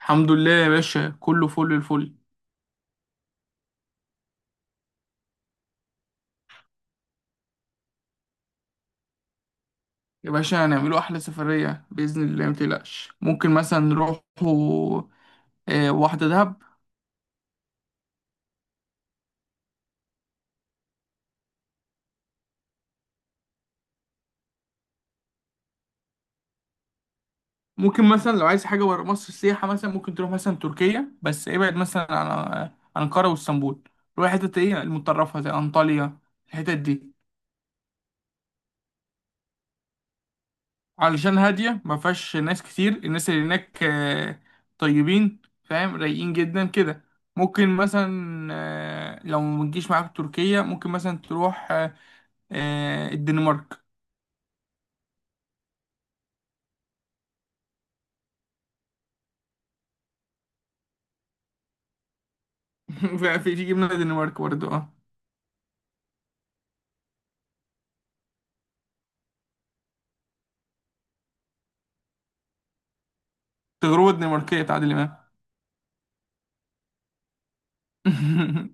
الحمد لله يا باشا، كله فل الفل. يا باشا، هنعمله أحلى سفرية بإذن الله، متقلقش. ممكن مثلا نروحوا واحدة دهب. ممكن مثلا لو عايز حاجة برا مصر سياحة، مثلا ممكن تروح مثلا تركيا، بس ابعد مثلا عن أنقرة واسطنبول. روح حتت ايه المتطرفة زي أنطاليا، الحتت دي. علشان هادية ما فيهاش ناس كتير، الناس اللي هناك طيبين فاهم، رايقين جدا كده. ممكن مثلا لو ما تجيش معاك تركيا، ممكن مثلا تروح الدنمارك. في جبنة الدنمارك برضه، اه. تجربة دنماركية تعادل إمام.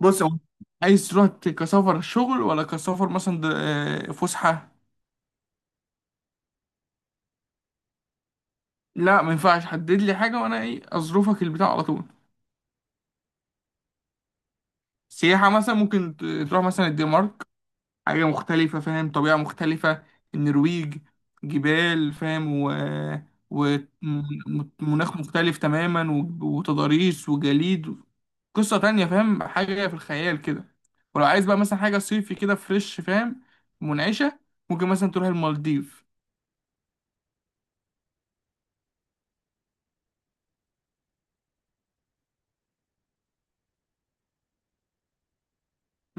بص، هو عايز تروح كسفر شغل ولا كسفر مثلا فسحة؟ لا ما ينفعش، حدد لي حاجة وأنا إيه أظروفك البتاع على طول. سياحة مثلا ممكن تروح مثلا الدنمارك، حاجة مختلفة فاهم، طبيعة مختلفة. النرويج، جبال فاهم، و ومناخ مختلف تماما وتضاريس وجليد، قصة تانية فاهم، حاجة في الخيال كده. ولو عايز بقى مثلا حاجة صيفي كده فريش فاهم، منعشة، ممكن مثلا تروح المالديف.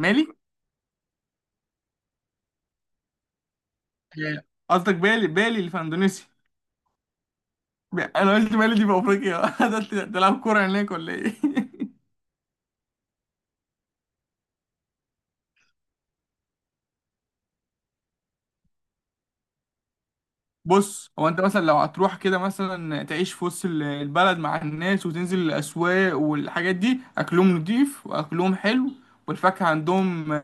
مالي؟ آه، قصدك بالي، بالي اللي في اندونيسيا. انا قلت مالي دي في افريقيا، ده تلعب كورة هناك ولا ايه؟ بص، هو انت مثلا لو هتروح كده مثلا تعيش في وسط البلد مع الناس، وتنزل الاسواق والحاجات دي، اكلهم نضيف واكلهم حلو، والفاكهه عندهم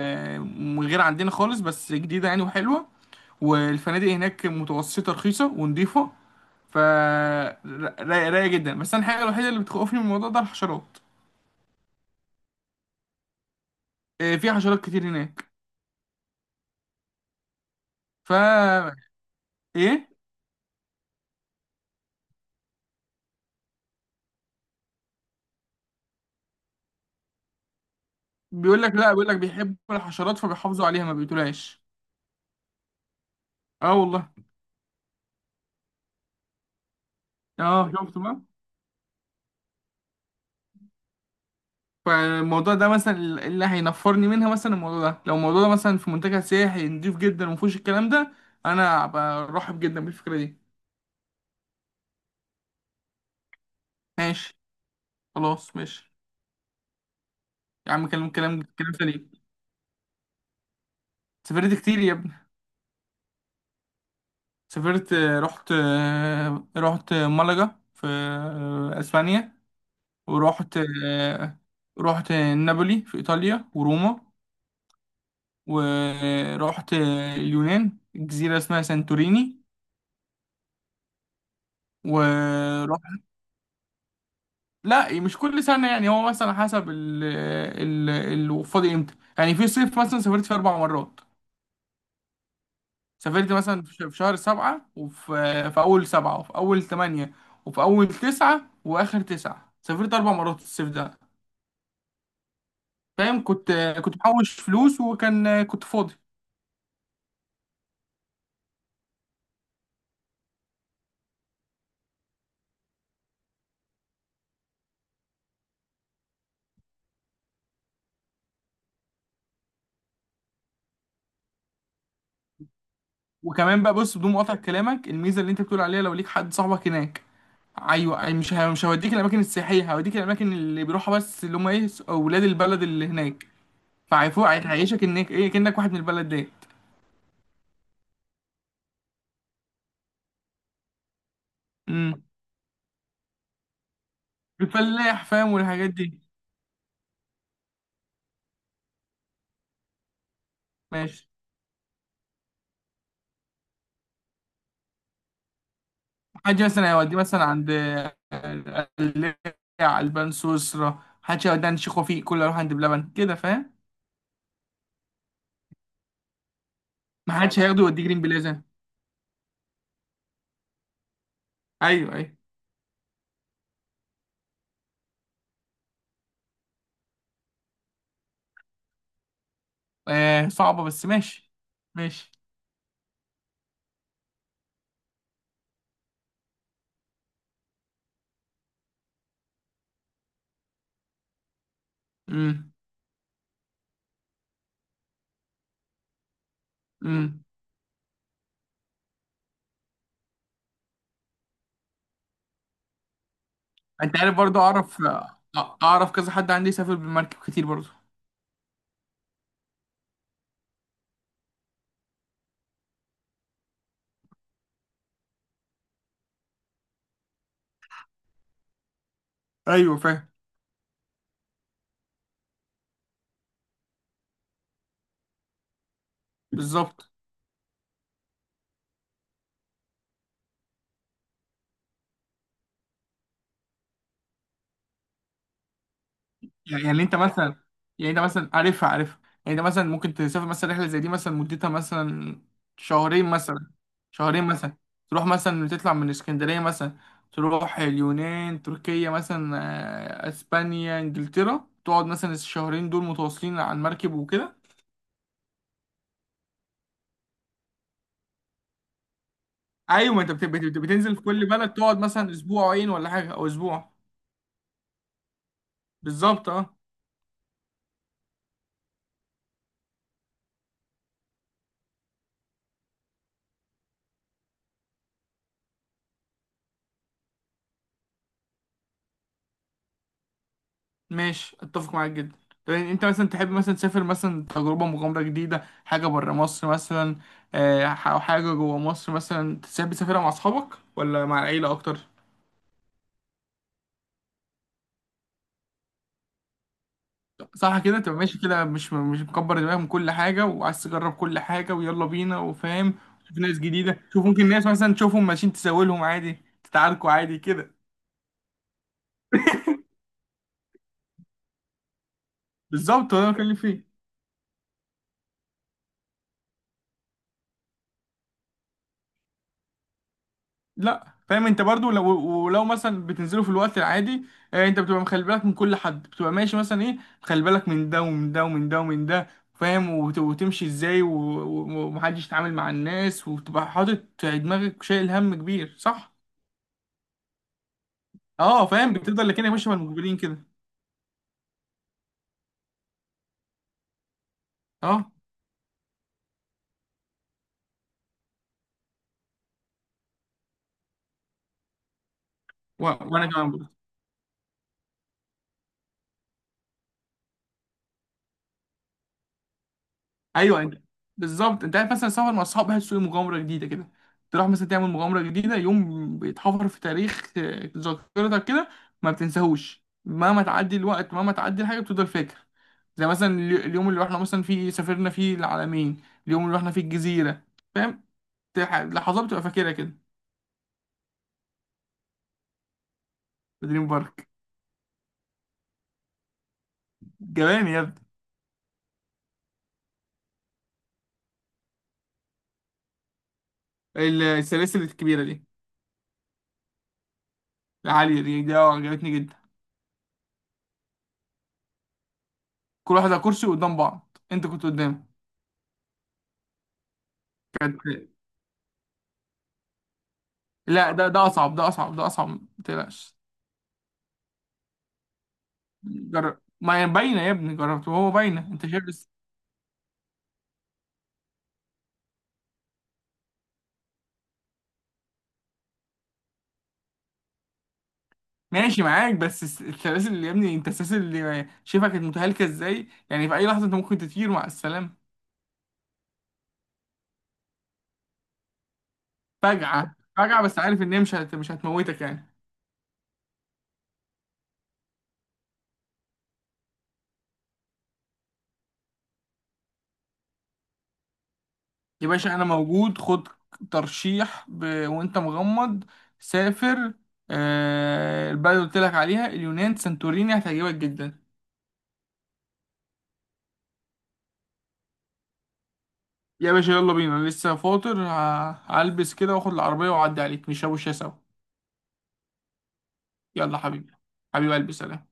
من غير عندنا خالص، بس جديده يعني وحلوه. والفنادق هناك متوسطه رخيصه ونضيفه، ف رايقه جدا. بس انا الحاجه الوحيده اللي بتخوفني من الموضوع ده، الحشرات، في حشرات كتير هناك. ف ايه، بيقول لك لا، بيقول لك بيحبوا الحشرات فبيحافظوا عليها، ما بيقتلهاش. اه والله. اه، شفت بقى. فالموضوع ده مثلا اللي هينفرني منها مثلا، الموضوع ده لو الموضوع ده مثلا في منتجع سياحي نضيف جدا ومفيهوش الكلام ده، انا برحب جدا بالفكره دي. ماشي، خلاص ماشي. يا عم كلام سليم. سافرت كتير يا ابني. سافرت آه، رحت رحت ملقا في اسبانيا، ورحت آه، رحت نابولي في ايطاليا وروما، ورحت آه، اليونان، جزيره اسمها سانتوريني، ورحت. لا مش كل سنة يعني، هو مثلا حسب ال ال ال فاضي امتى، يعني في صيف مثلا سافرت في أربع مرات. سافرت مثلا في شهر سبعة، وفي أول سبعة، وفي أول تمانية، وفي أول تسعة وآخر تسعة، سافرت أربع مرات الصيف ده. فاهم؟ كنت محوش فلوس، وكان كنت فاضي. وكمان بقى بص، بدون مقاطع كلامك، الميزة اللي أنت بتقول عليها لو ليك حد صاحبك هناك. ايوه، أي مش هوديك الاماكن السياحيه، هوديك الاماكن اللي بيروحها بس، اللي هم ايه اولاد البلد اللي هناك. فعيفوق هيعيشك انك ايه، كأنك واحد من البلد ديت. امم. الفلاح فاهم، والحاجات دي. ماشي. حد مثلا هيوديه مثلا عند القلاع البان سويسرا؟ حدش هيوديه عند شيخ وفيق؟ كله يروح عند بلبن كده فاهم. ما حدش فاهم هياخده يوديه جرين بلازا. ايوه ايوه. آه صعبة، بس ماشي. ماشي. امم امم. انت عارف برضه، اعرف كذا حد عندي سافر بالمركب كتير برضه. ايوه فاهم. بالظبط. يعني انت مثلا، يعني انت مثلا عارفها، يعني انت مثلا ممكن تسافر مثلا رحله زي دي مثلا، مدتها مثلا. شهرين مثلا شهرين مثلا تروح مثلا، تطلع من اسكندريه مثلا، تروح اليونان تركيا مثلا اسبانيا انجلترا، تقعد مثلا الشهرين دول متواصلين على المركب وكده. ايوه، ما انت بتنزل في كل بلد، تقعد مثلا اسبوعين ولا حاجه او اسبوع. بالظبط اه. ماشي، اتفق معاك جدا. طب يعني انت مثلا تحب مثلا تسافر مثلا تجربة مغامرة جديدة، حاجة برا مصر مثلا، او حاجة جوا مصر مثلا تحب تسافرها مع اصحابك ولا مع العيلة اكتر؟ صح كده، تبقى ماشي كده مش مش مكبر دماغك من كل حاجة، وعايز تجرب كل حاجة ويلا بينا وفاهم. شوف ناس جديدة، شوف ممكن ناس مثلا تشوفهم ماشيين تساوي لهم عادي، تتعاركوا عادي كده. بالظبط، هو ده اللي بتكلم فيه. لا فاهم، انت برضو لو ولو مثلا بتنزلوا في الوقت العادي، انت بتبقى مخلي بالك من كل حد، بتبقى ماشي مثلا ايه، مخلي بالك من ده ومن ده ومن ده ومن ده، فاهم، وتمشي ازاي ومحدش يتعامل مع الناس، وتبقى حاطط في دماغك شايل هم كبير، صح. اه فاهم، بتفضل لكن ماشي مع المجبرين كده. اه، وانا كمان. ايوه انت، بالظبط. انت عارف مثلا سفر مع اصحاب، بحسه مغامره جديده كده، تروح مثلا تعمل مغامره جديده يوم بيتحفر في تاريخ ذاكرتك كده، ما بتنساهوش مهما تعدي الوقت، مهما تعدي الحاجه بتفضل فاكر. زي مثلا اليوم اللي رحنا مثلا فيه، سافرنا فيه العلمين، اليوم اللي رحنا فيه الجزيره فاهم، لحظات بتبقى فاكرها كده. في دريم بارك. جمال يا ابني. السلاسل الكبيره دي. العاليه دي، اه عجبتني جدا. كل واحد على كرسي قدام بعض، انت كنت قدام. كانت. لا، ده اصعب، ما تقلقش. جرب، ما هي باينه يا ابني، جربت وهو باينه، انت شايف بس. ماشي معاك، بس السلاسل اللي يا ابني، انت السلاسل اللي شايفها كانت متهالكه ازاي، يعني في اي لحظه انت ممكن تطير مع السلامه. فجعه فجعه، بس عارف ان هي مش هتموتك يعني. يا باشا انا موجود، خد ترشيح وانت مغمض، سافر البلد اللي قلت لك عليها، اليونان سانتوريني، هتعجبك جدا. يا باشا يلا بينا، أنا لسه فاطر، هلبس كده واخد العربية واعدي عليك نشربوا شاي سوا. يلا حبيبي. حبيبي قلبي، سلام.